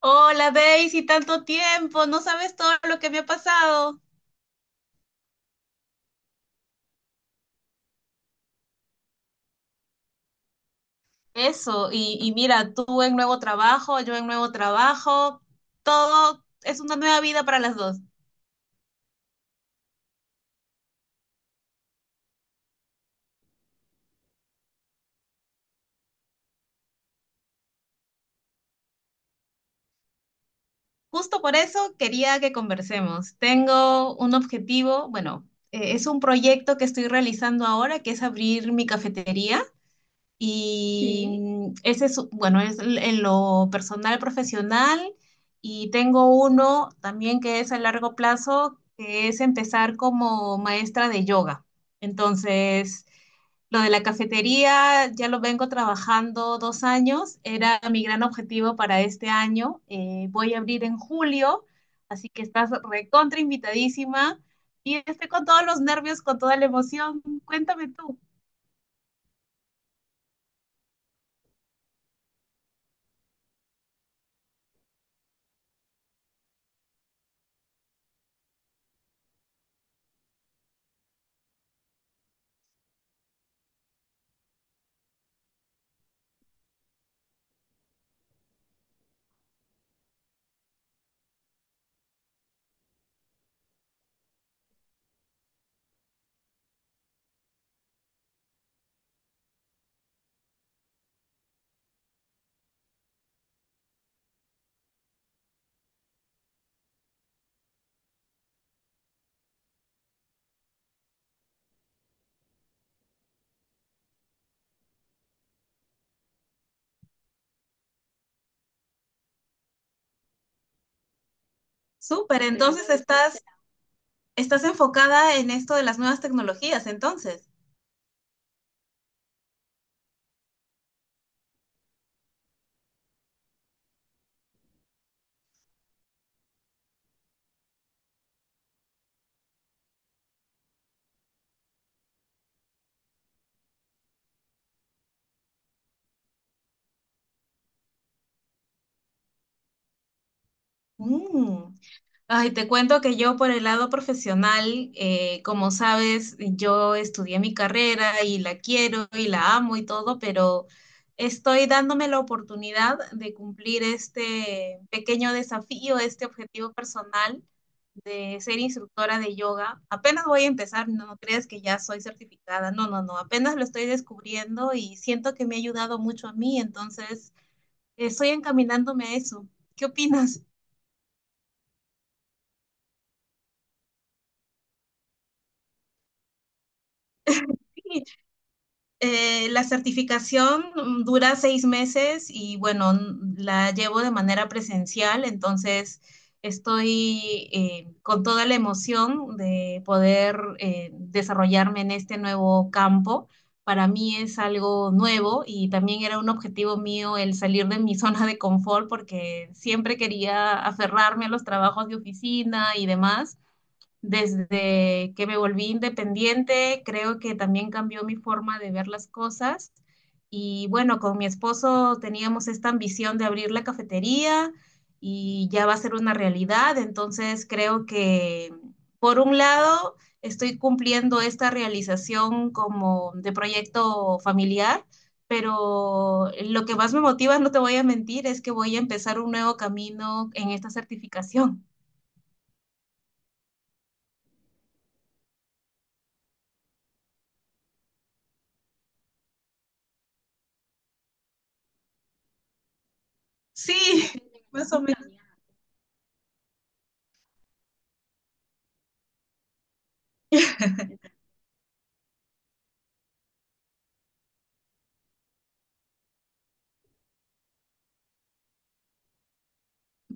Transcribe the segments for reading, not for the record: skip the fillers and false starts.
Hola Daisy, tanto tiempo, no sabes todo lo que me ha pasado. Eso, y mira, tú en nuevo trabajo, yo en nuevo trabajo, todo es una nueva vida para las dos. Justo por eso quería que conversemos. Tengo un objetivo, bueno, es un proyecto que estoy realizando ahora, que es abrir mi cafetería. Y sí. Ese es, bueno, es en lo personal, profesional. Y tengo uno también que es a largo plazo, que es empezar como maestra de yoga. Entonces, lo de la cafetería ya lo vengo trabajando 2 años. Era mi gran objetivo para este año. Voy a abrir en julio, así que estás recontra invitadísima. Y estoy con todos los nervios, con toda la emoción. Cuéntame tú. Súper, entonces estás enfocada en esto de las nuevas tecnologías, entonces. Mm. Ay, te cuento que yo por el lado profesional, como sabes, yo estudié mi carrera y la quiero y la amo y todo, pero estoy dándome la oportunidad de cumplir este pequeño desafío, este objetivo personal de ser instructora de yoga. Apenas voy a empezar, no, no creas que ya soy certificada, no, no, no, apenas lo estoy descubriendo y siento que me ha ayudado mucho a mí. Entonces, estoy encaminándome a eso. ¿Qué opinas? Sí. La certificación, dura 6 meses y bueno, la llevo de manera presencial, entonces estoy con toda la emoción de poder desarrollarme en este nuevo campo. Para mí es algo nuevo y también era un objetivo mío el salir de mi zona de confort, porque siempre quería aferrarme a los trabajos de oficina y demás. Desde que me volví independiente, creo que también cambió mi forma de ver las cosas. Y bueno, con mi esposo teníamos esta ambición de abrir la cafetería y ya va a ser una realidad. Entonces creo que, por un lado, estoy cumpliendo esta realización como de proyecto familiar, pero lo que más me motiva, no te voy a mentir, es que voy a empezar un nuevo camino en esta certificación. Más o menos.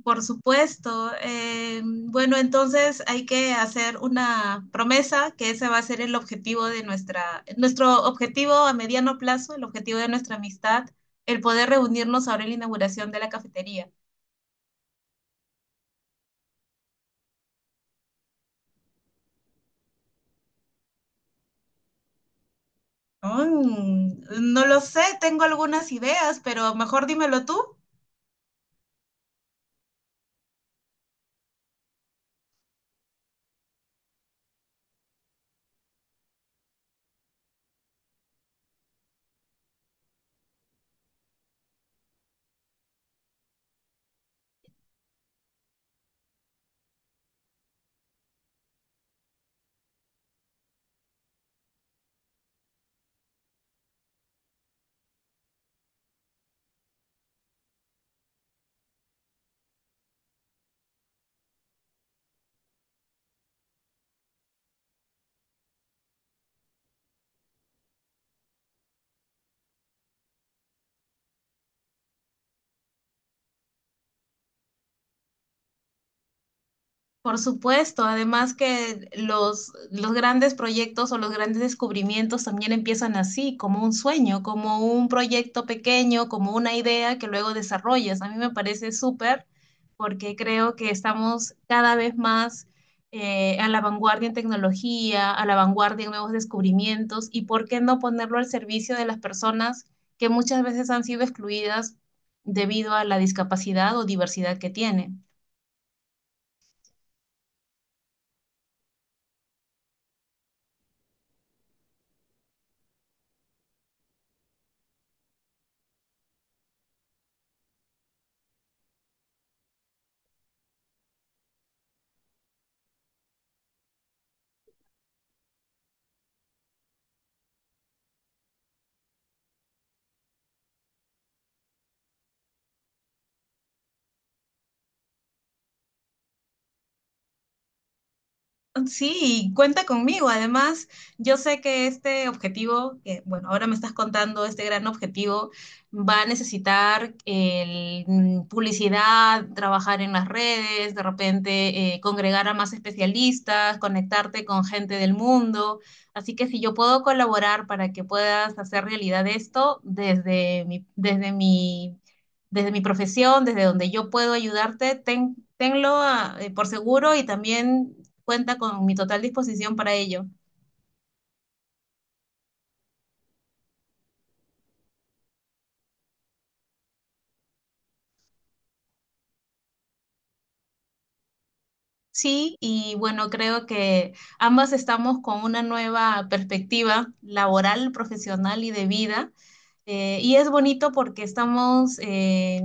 Por supuesto. Bueno, entonces hay que hacer una promesa, que ese va a ser el objetivo de nuestro objetivo a mediano plazo, el objetivo de nuestra amistad, el poder reunirnos ahora en la inauguración de la cafetería. Mm, no lo sé, tengo algunas ideas, pero mejor dímelo tú. Por supuesto, además que los grandes proyectos o los grandes descubrimientos también empiezan así, como un sueño, como un proyecto pequeño, como una idea que luego desarrollas. A mí me parece súper, porque creo que estamos cada vez más a la vanguardia en tecnología, a la vanguardia en nuevos descubrimientos, y por qué no ponerlo al servicio de las personas que muchas veces han sido excluidas debido a la discapacidad o diversidad que tienen. Sí, cuenta conmigo. Además, yo sé que este objetivo, que bueno, ahora me estás contando este gran objetivo, va a necesitar publicidad, trabajar en las redes, de repente congregar a más especialistas, conectarte con gente del mundo. Así que si yo puedo colaborar para que puedas hacer realidad esto, desde mi profesión, desde donde yo puedo ayudarte, tenlo por seguro, y también cuenta con mi total disposición para ello. Sí, y bueno, creo que ambas estamos con una nueva perspectiva laboral, profesional y de vida. Y es bonito porque estamos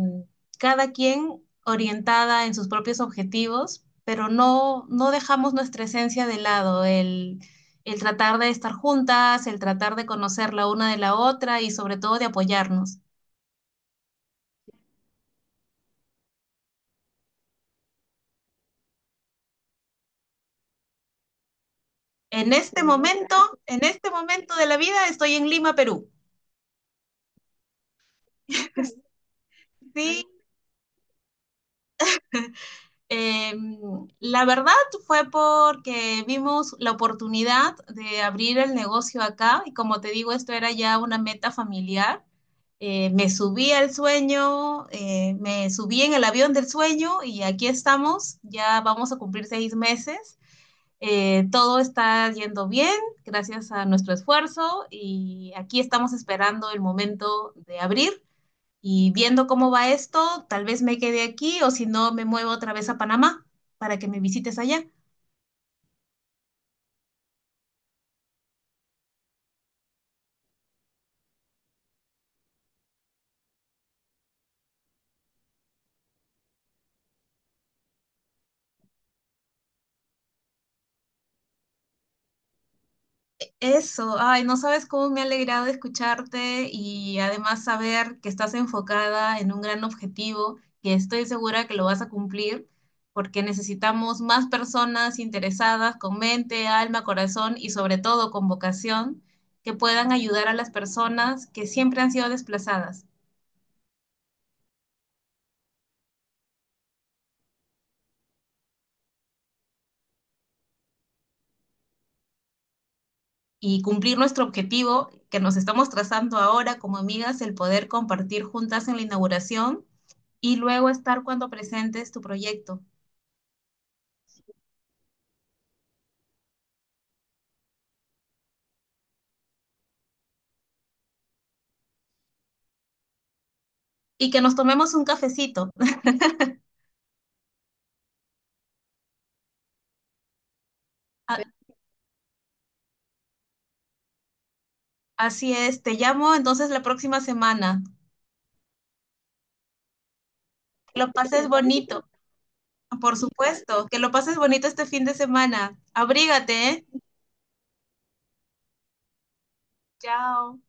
cada quien orientada en sus propios objetivos, pero no, no dejamos nuestra esencia de lado, el tratar de estar juntas, el tratar de conocer la una de la otra y sobre todo de apoyarnos. En este momento, en este momento de la vida estoy en Lima, Perú. Sí, eh, la verdad fue porque vimos la oportunidad de abrir el negocio acá, y como te digo, esto era ya una meta familiar. Me subí al sueño, me subí en el avión del sueño, y aquí estamos, ya vamos a cumplir 6 meses. Todo está yendo bien gracias a nuestro esfuerzo, y aquí estamos esperando el momento de abrir. Y viendo cómo va esto, tal vez me quede aquí o, si no, me muevo otra vez a Panamá para que me visites allá. Eso, ay, no sabes cómo me ha alegrado escucharte, y además saber que estás enfocada en un gran objetivo, que estoy segura que lo vas a cumplir, porque necesitamos más personas interesadas con mente, alma, corazón y sobre todo con vocación, que puedan ayudar a las personas que siempre han sido desplazadas. Y cumplir nuestro objetivo, que nos estamos trazando ahora como amigas, el poder compartir juntas en la inauguración y luego estar cuando presentes tu proyecto, y que nos tomemos un cafecito. Así es, te llamo entonces la próxima semana. Que lo pases bonito, por supuesto. Que lo pases bonito este fin de semana. Abrígate, ¿eh? Chao.